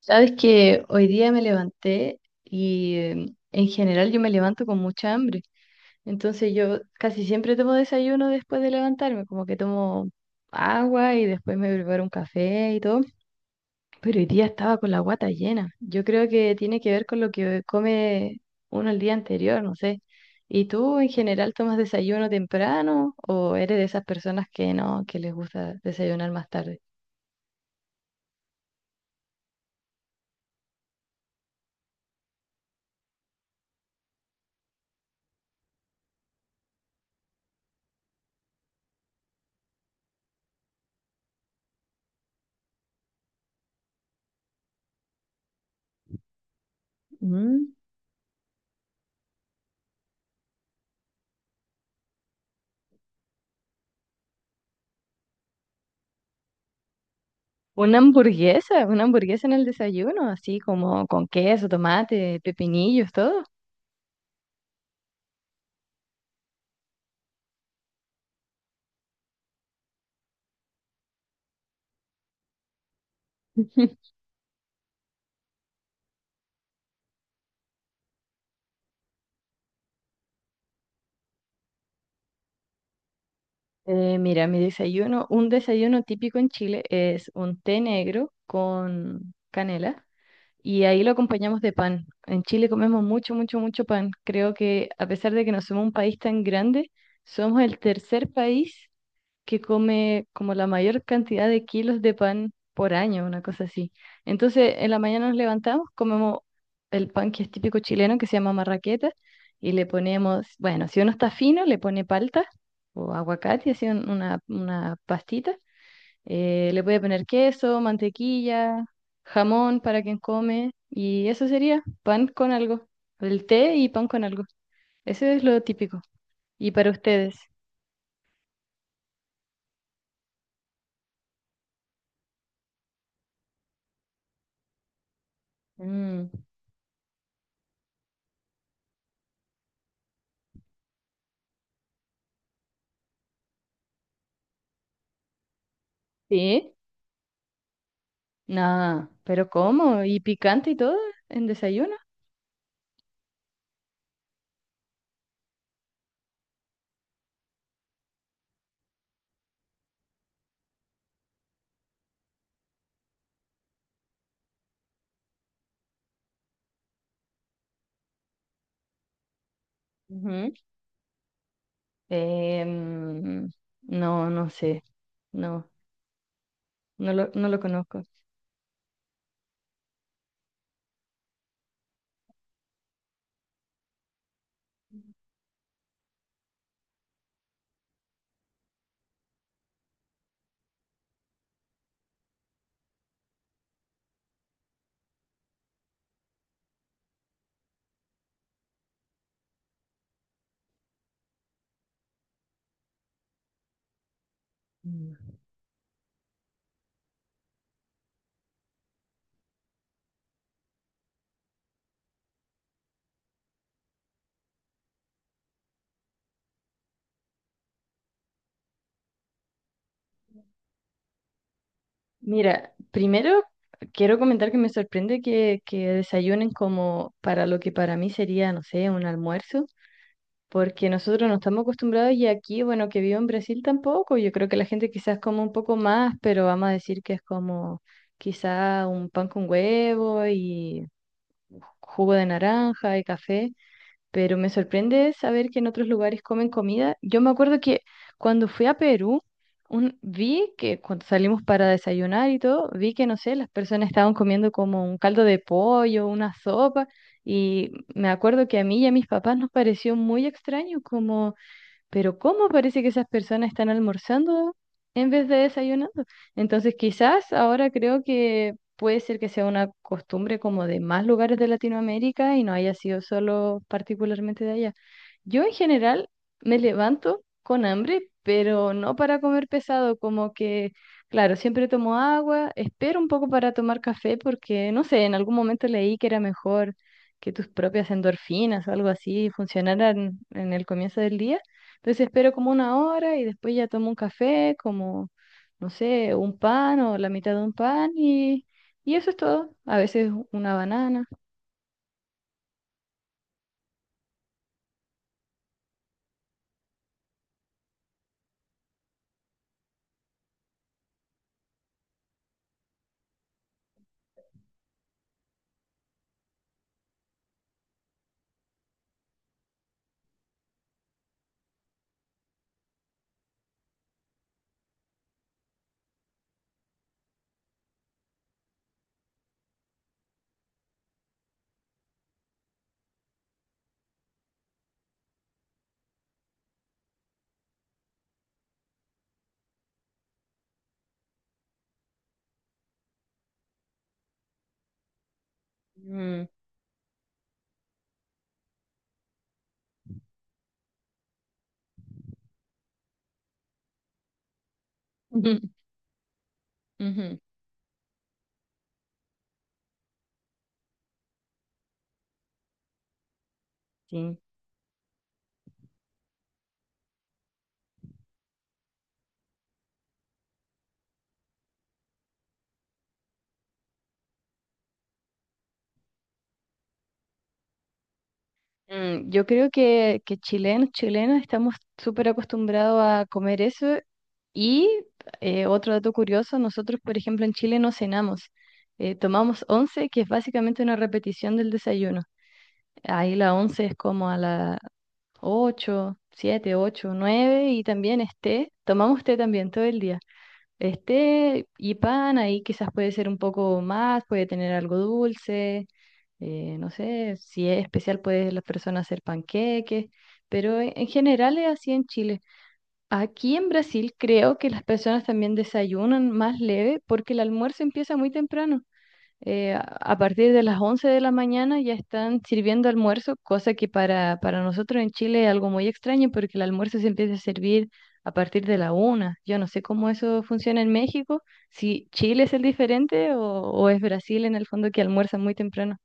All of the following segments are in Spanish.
Sabes que hoy día me levanté y en general yo me levanto con mucha hambre. Entonces yo casi siempre tomo desayuno después de levantarme, como que tomo agua y después me preparo un café y todo. Pero hoy día estaba con la guata llena. Yo creo que tiene que ver con lo que come uno el día anterior, no sé. ¿Y tú en general tomas desayuno temprano o eres de esas personas que no, que les gusta desayunar más tarde? Una hamburguesa en el desayuno, así como con queso, tomate, pepinillos, todo. Mira, mi desayuno, un desayuno típico en Chile es un té negro con canela. Y ahí lo acompañamos de pan. En Chile comemos mucho, mucho, mucho pan. Creo que a pesar de que no somos un país tan grande, somos el tercer país que come como la mayor cantidad de kilos de pan por año, una cosa así. Entonces, en la mañana nos levantamos, comemos el pan que es típico chileno, que se llama marraqueta, y le ponemos, bueno, si uno está fino, le pone palta o aguacate, así una pastita, le puede poner queso, mantequilla, jamón para quien come. Y eso sería pan con algo. El té y pan con algo. Eso es lo típico. ¿Y para ustedes? Mm, ¿sí? Nada, pero ¿cómo? ¿Y picante y todo en desayuno? Ujú. Em, no, no sé. No, no lo conozco. Mira, primero quiero comentar que me sorprende que desayunen como para lo que para mí sería, no sé, un almuerzo, porque nosotros no estamos acostumbrados y aquí, bueno, que vivo en Brasil tampoco, yo creo que la gente quizás come un poco más, pero vamos a decir que es como quizá un pan con huevo y jugo de naranja y café, pero me sorprende saber que en otros lugares comen comida. Yo me acuerdo que cuando fui a Perú, vi que cuando salimos para desayunar y todo, vi que, no sé, las personas estaban comiendo como un caldo de pollo, una sopa, y me acuerdo que a mí y a mis papás nos pareció muy extraño, como... Pero ¿cómo parece que esas personas están almorzando en vez de desayunando? Entonces, quizás ahora creo que puede ser que sea una costumbre como de más lugares de Latinoamérica y no haya sido solo particularmente de allá. Yo en general me levanto con hambre, pero no para comer pesado, como que, claro, siempre tomo agua, espero un poco para tomar café porque, no sé, en algún momento leí que era mejor que tus propias endorfinas o algo así funcionaran en el comienzo del día. Entonces espero como una hora y después ya tomo un café, como, no sé, un pan o la mitad de un pan y eso es todo. A veces una banana. Mm. Ujú, ujú, sí. Mm, yo creo que chilenos, chilenos estamos súper acostumbrados a comer eso y otro dato curioso, nosotros por ejemplo en Chile no cenamos. Tomamos once, que es básicamente una repetición del desayuno. Ahí la once es como a la, 8, 7, 8, 9 y también esté. Tomamos té también todo el día. Esté y pan, ahí quizás puede ser un poco más, puede tener algo dulce. Eh, no sé, si es especial puede las personas hacer panqueques, pero en general es así en Chile. Aquí en Brasil creo que las personas también desayunan más leve porque el almuerzo empieza muy temprano. A partir de las 11 de la mañana ya están sirviendo almuerzo, cosa que para nosotros en Chile es algo muy extraño porque el almuerzo se empieza a servir a partir de la una. Yo no sé cómo eso funciona en México, si Chile es el diferente o es Brasil en el fondo que almuerza muy temprano.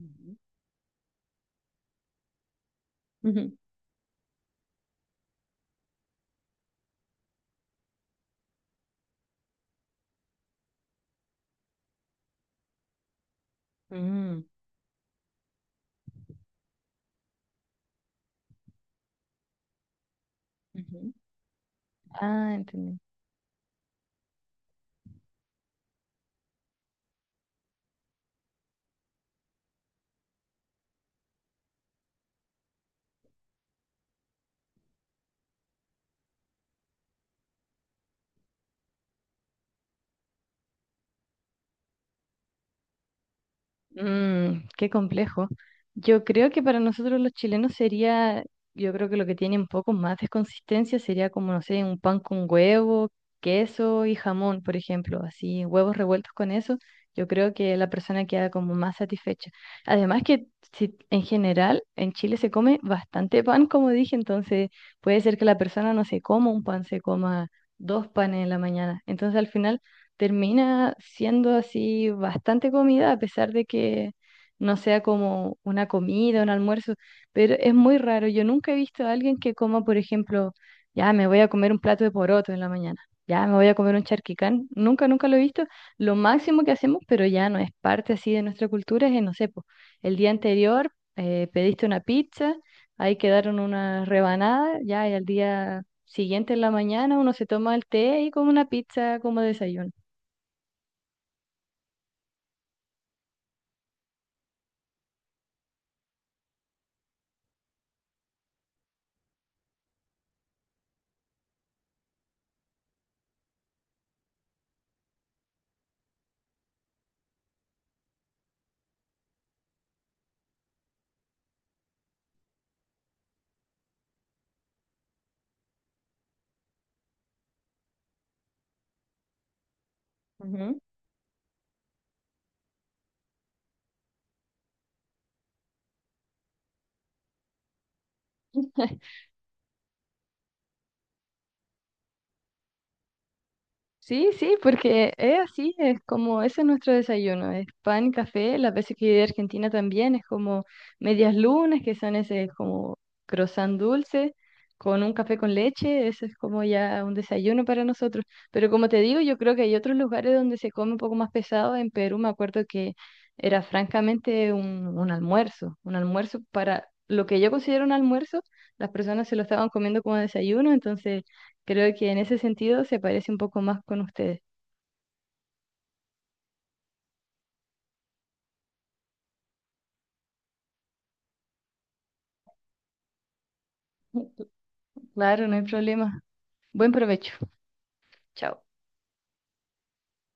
Ujú. Ujú. Mm, ujú. Ah, entendí. Mm, qué complejo. Yo creo que para nosotros los chilenos sería, yo creo que lo que tiene un poco más de consistencia sería como, no sé, un pan con huevo, queso y jamón, por ejemplo, así, huevos revueltos con eso. Yo creo que la persona queda como más satisfecha. Además que si, en general en Chile se come bastante pan, como dije, entonces puede ser que la persona no se coma un pan, se coma 2 panes en la mañana. Entonces al final termina siendo así bastante comida, a pesar de que no sea como una comida, un almuerzo, pero es muy raro. Yo nunca he visto a alguien que coma, por ejemplo, ya me voy a comer un plato de poroto en la mañana, ya me voy a comer un charquicán. Nunca, nunca lo he visto. Lo máximo que hacemos, pero ya no es parte así de nuestra cultura, es, no sé, po, el día anterior pediste una pizza, ahí quedaron unas rebanadas, ya y al día siguiente en la mañana uno se toma el té y come una pizza como desayuno. Ujú. Sí, sí, porque es así, es como ese es nuestro desayuno, es pan, café, las veces que he a Argentina también es como medias lunas, que son ese como croissant dulce con un café con leche, eso es como ya un desayuno para nosotros. Pero como te digo, yo creo que hay otros lugares donde se come un poco más pesado. En Perú me acuerdo que era francamente un almuerzo para lo que yo considero un almuerzo, las personas se lo estaban comiendo como desayuno, entonces... Creo que en ese sentido se parece un poco más con ustedes. Claro, no hay problema. Buen provecho. Chao.